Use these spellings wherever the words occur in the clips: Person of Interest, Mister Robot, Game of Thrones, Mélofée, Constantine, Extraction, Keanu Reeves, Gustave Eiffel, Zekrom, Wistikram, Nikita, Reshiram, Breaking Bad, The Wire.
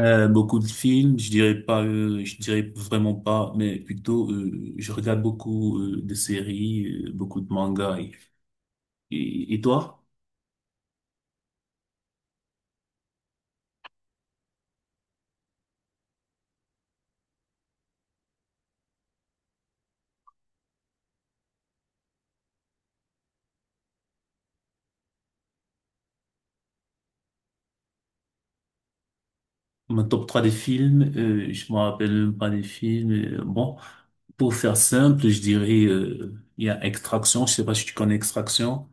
Beaucoup de films, je dirais pas, je dirais vraiment pas, mais plutôt je regarde beaucoup de séries, beaucoup de mangas. Et toi? Mon top 3 des films, je me rappelle même pas des films. Bon, pour faire simple, je dirais il y a Extraction. Je sais pas si tu connais Extraction.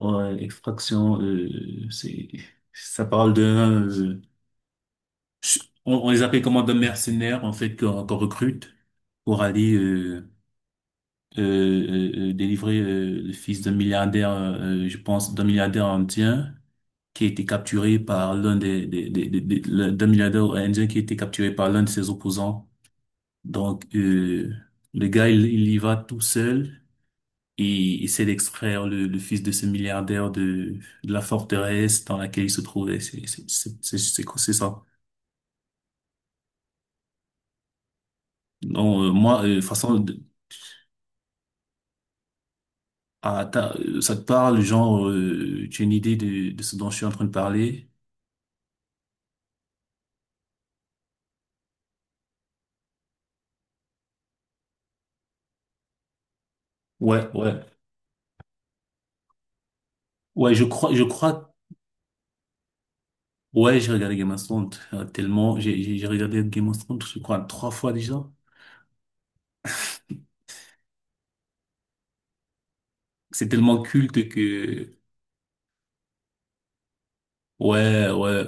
Ouais, Extraction, c'est ça parle d'un, on les appelle comment, d'un mercenaire en fait qu'on recrute pour aller euh, délivrer le fils d'un milliardaire, je pense, d'un milliardaire indien qui a été capturé par l'un d'un milliardaire indien qui a été capturé par l'un de ses opposants. Donc, le gars, il y va tout seul et il essaie d'extraire le fils de ce milliardaire de la forteresse dans laquelle il se trouvait. C'est ça. Non, moi, de toute façon, ah, ça te parle, genre, tu as une idée de ce dont je suis en train de parler? Ouais, ouais. Ouais, je crois, ouais, j'ai regardé Game of Thrones tellement, j'ai regardé Game of Thrones, je crois, trois fois déjà. C'est tellement culte que... Ouais, ouais,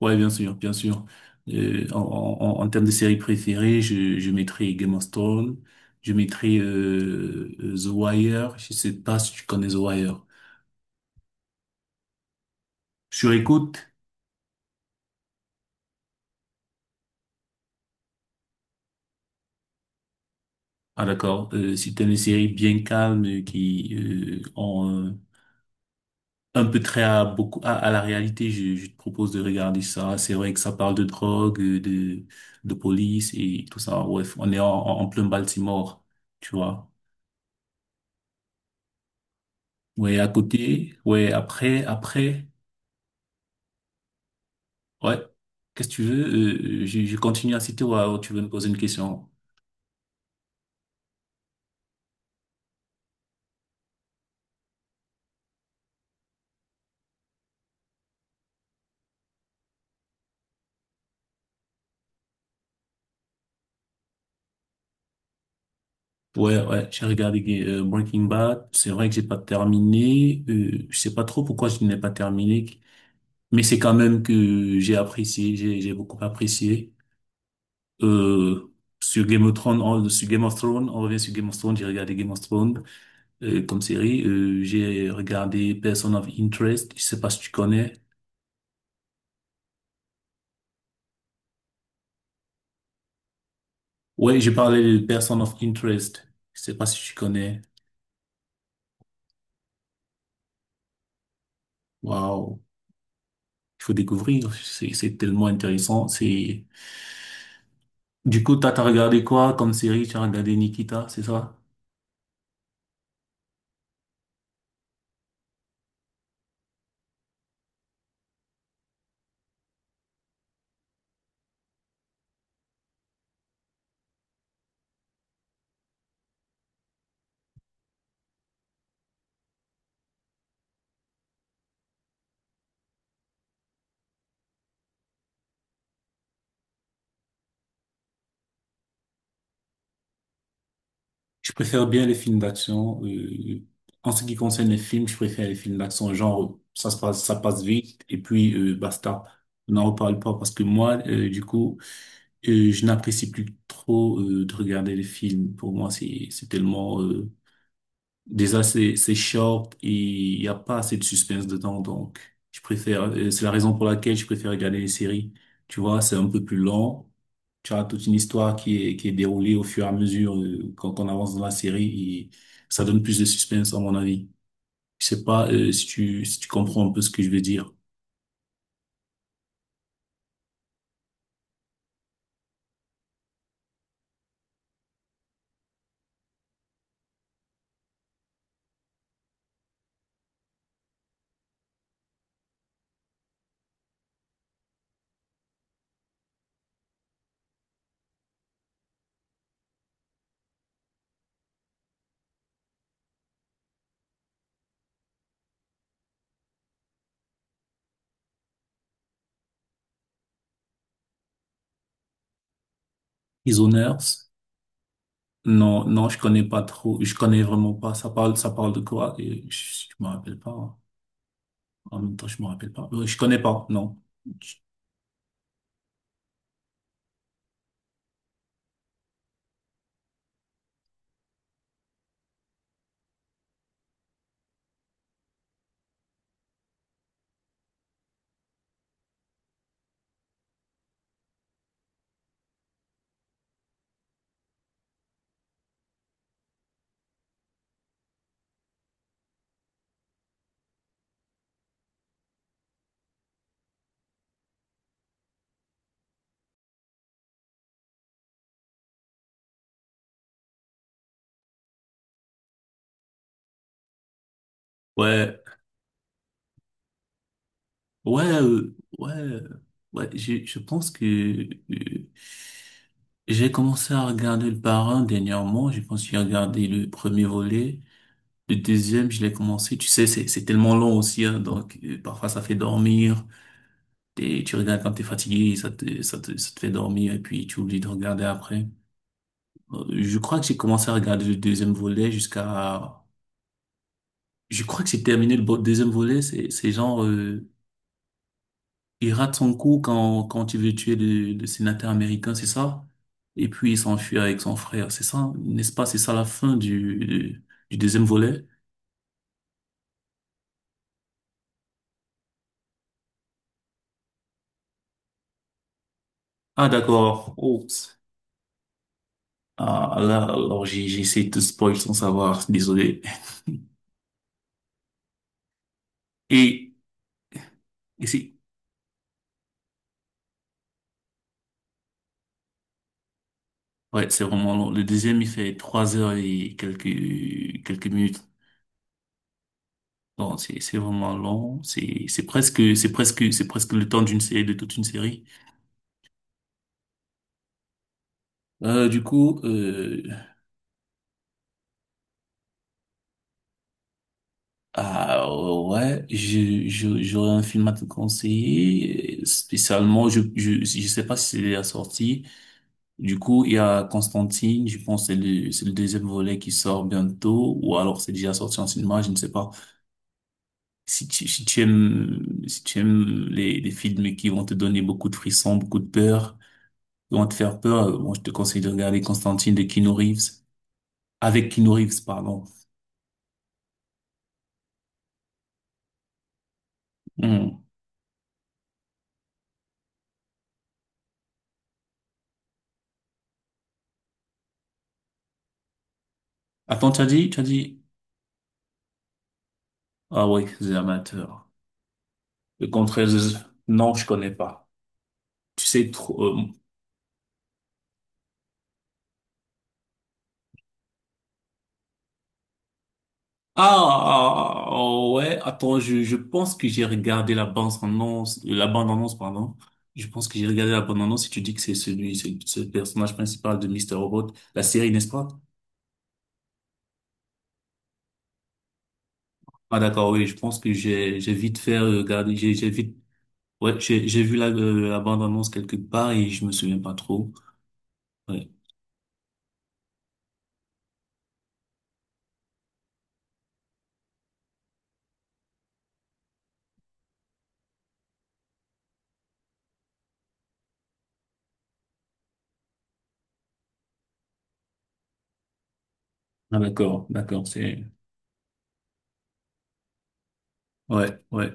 ouais, bien sûr, bien sûr. En termes de séries préférées, je mettrai Game of Thrones, je mettrai The Wire. Je sais pas si tu connais The Wire. Sur écoute. Ah d'accord, c'est une série bien calme qui, euh, un peu très à beaucoup à la réalité. Je te propose de regarder ça. C'est vrai que ça parle de drogue, de police et tout ça. Bref, on est en plein Baltimore, tu vois. Ouais, à côté. Ouais, après, après. Ouais. Qu'est-ce que tu veux? Je je continue à citer ou alors tu veux me poser une question? Ouais, ouais, j'ai regardé Breaking Bad. C'est vrai que j'ai pas terminé. Je sais pas trop pourquoi je n'ai pas terminé, mais c'est quand même que j'ai apprécié, j'ai beaucoup apprécié. Euh, sur Game of Thrones, on, sur Game of Thrones, on revient sur Game of Thrones, j'ai regardé Game of Thrones comme série. J'ai regardé Person of Interest, je sais pas si tu connais. Ouais, j'ai parlé de Person of Interest, je sais pas si tu connais. Waouh, il faut découvrir, c'est tellement intéressant. C'est Du coup, t'as regardé quoi comme série? Tu as regardé Nikita, c'est ça? Je préfère bien les films d'action. En ce qui concerne les films, je préfère les films d'action, genre, ça se passe, ça passe vite, et puis basta. On n'en reparle pas parce que moi, du coup, je n'apprécie plus trop de regarder les films. Pour moi, c'est tellement... déjà, c'est short et il n'y a pas assez de suspense dedans, donc je préfère... c'est la raison pour laquelle je préfère regarder les séries. Tu vois, c'est un peu plus lent. Tu as toute une histoire qui est déroulée au fur et à mesure quand on avance dans la série et ça donne plus de suspense à mon avis. Je sais pas si tu comprends un peu ce que je veux dire. Isoners? Non, non, je connais pas trop. Je connais vraiment pas. Ça parle de quoi? Je je, me rappelle pas, hein. En même temps, je me rappelle pas. Je connais pas, non. Ouais, ouais, ouais, ouais, je pense que j'ai commencé à regarder le Parrain dernièrement. Je pense que j'ai regardé le premier volet. Le deuxième, je l'ai commencé. Tu sais, c'est tellement long aussi, hein, donc parfois ça fait dormir. Et tu regardes quand t'es fatigué, ça te fait dormir et puis tu oublies de regarder après. Je crois que j'ai commencé à regarder le deuxième volet jusqu'à... Je crois que j'ai terminé le deuxième volet. C'est genre... Il rate son coup quand il veut tuer le sénateur américain, c'est ça? Et puis il s'enfuit avec son frère, c'est ça? N'est-ce pas? C'est ça la fin du, du deuxième volet? Ah, d'accord. Oups. Ah, là, alors j'ai essayé de te spoil sans savoir, désolé. Et, et c'est, ouais, c'est vraiment long. Le deuxième, il fait 3 heures et quelques minutes. Non, c'est vraiment long. C'est presque le temps d'une série, de toute une série. Du coup... Ah ouais, j'aurais un film à te conseiller. Spécialement, je sais pas si c'est la sortie. Du coup, il y a Constantine. Je pense que c'est c'est le deuxième volet qui sort bientôt, ou alors c'est déjà sorti en cinéma, je ne sais pas. Si tu aimes, si tu aimes les films qui vont te donner beaucoup de frissons, beaucoup de peur, qui vont te faire peur, bon, je te conseille de regarder Constantine de Keanu Reeves. Avec Keanu Reeves, pardon. Hmm. Attends, tu as dit... Ah ouais, c'est amateur. Le Contreras, non, je connais pas. Tu sais trop. Ah, ah, ah, oh, ouais. Attends, je pense que j'ai regardé la bande annonce, pardon. Je pense que j'ai regardé la bande annonce. Si tu dis que c'est le personnage principal de Mister Robot, la série, n'est-ce pas? Ah d'accord, oui. Je pense que j'ai vite fait regarder. J'ai vite. Ouais, j'ai vu la la bande annonce quelque part et je me souviens pas trop. Ouais. Ah d'accord, d'accord. C'est... Ouais, ouais.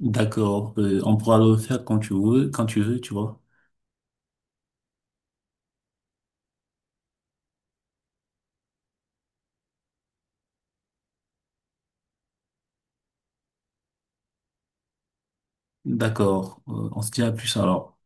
D'accord. On pourra le faire quand tu veux, tu vois. D'accord. On se dit à plus alors.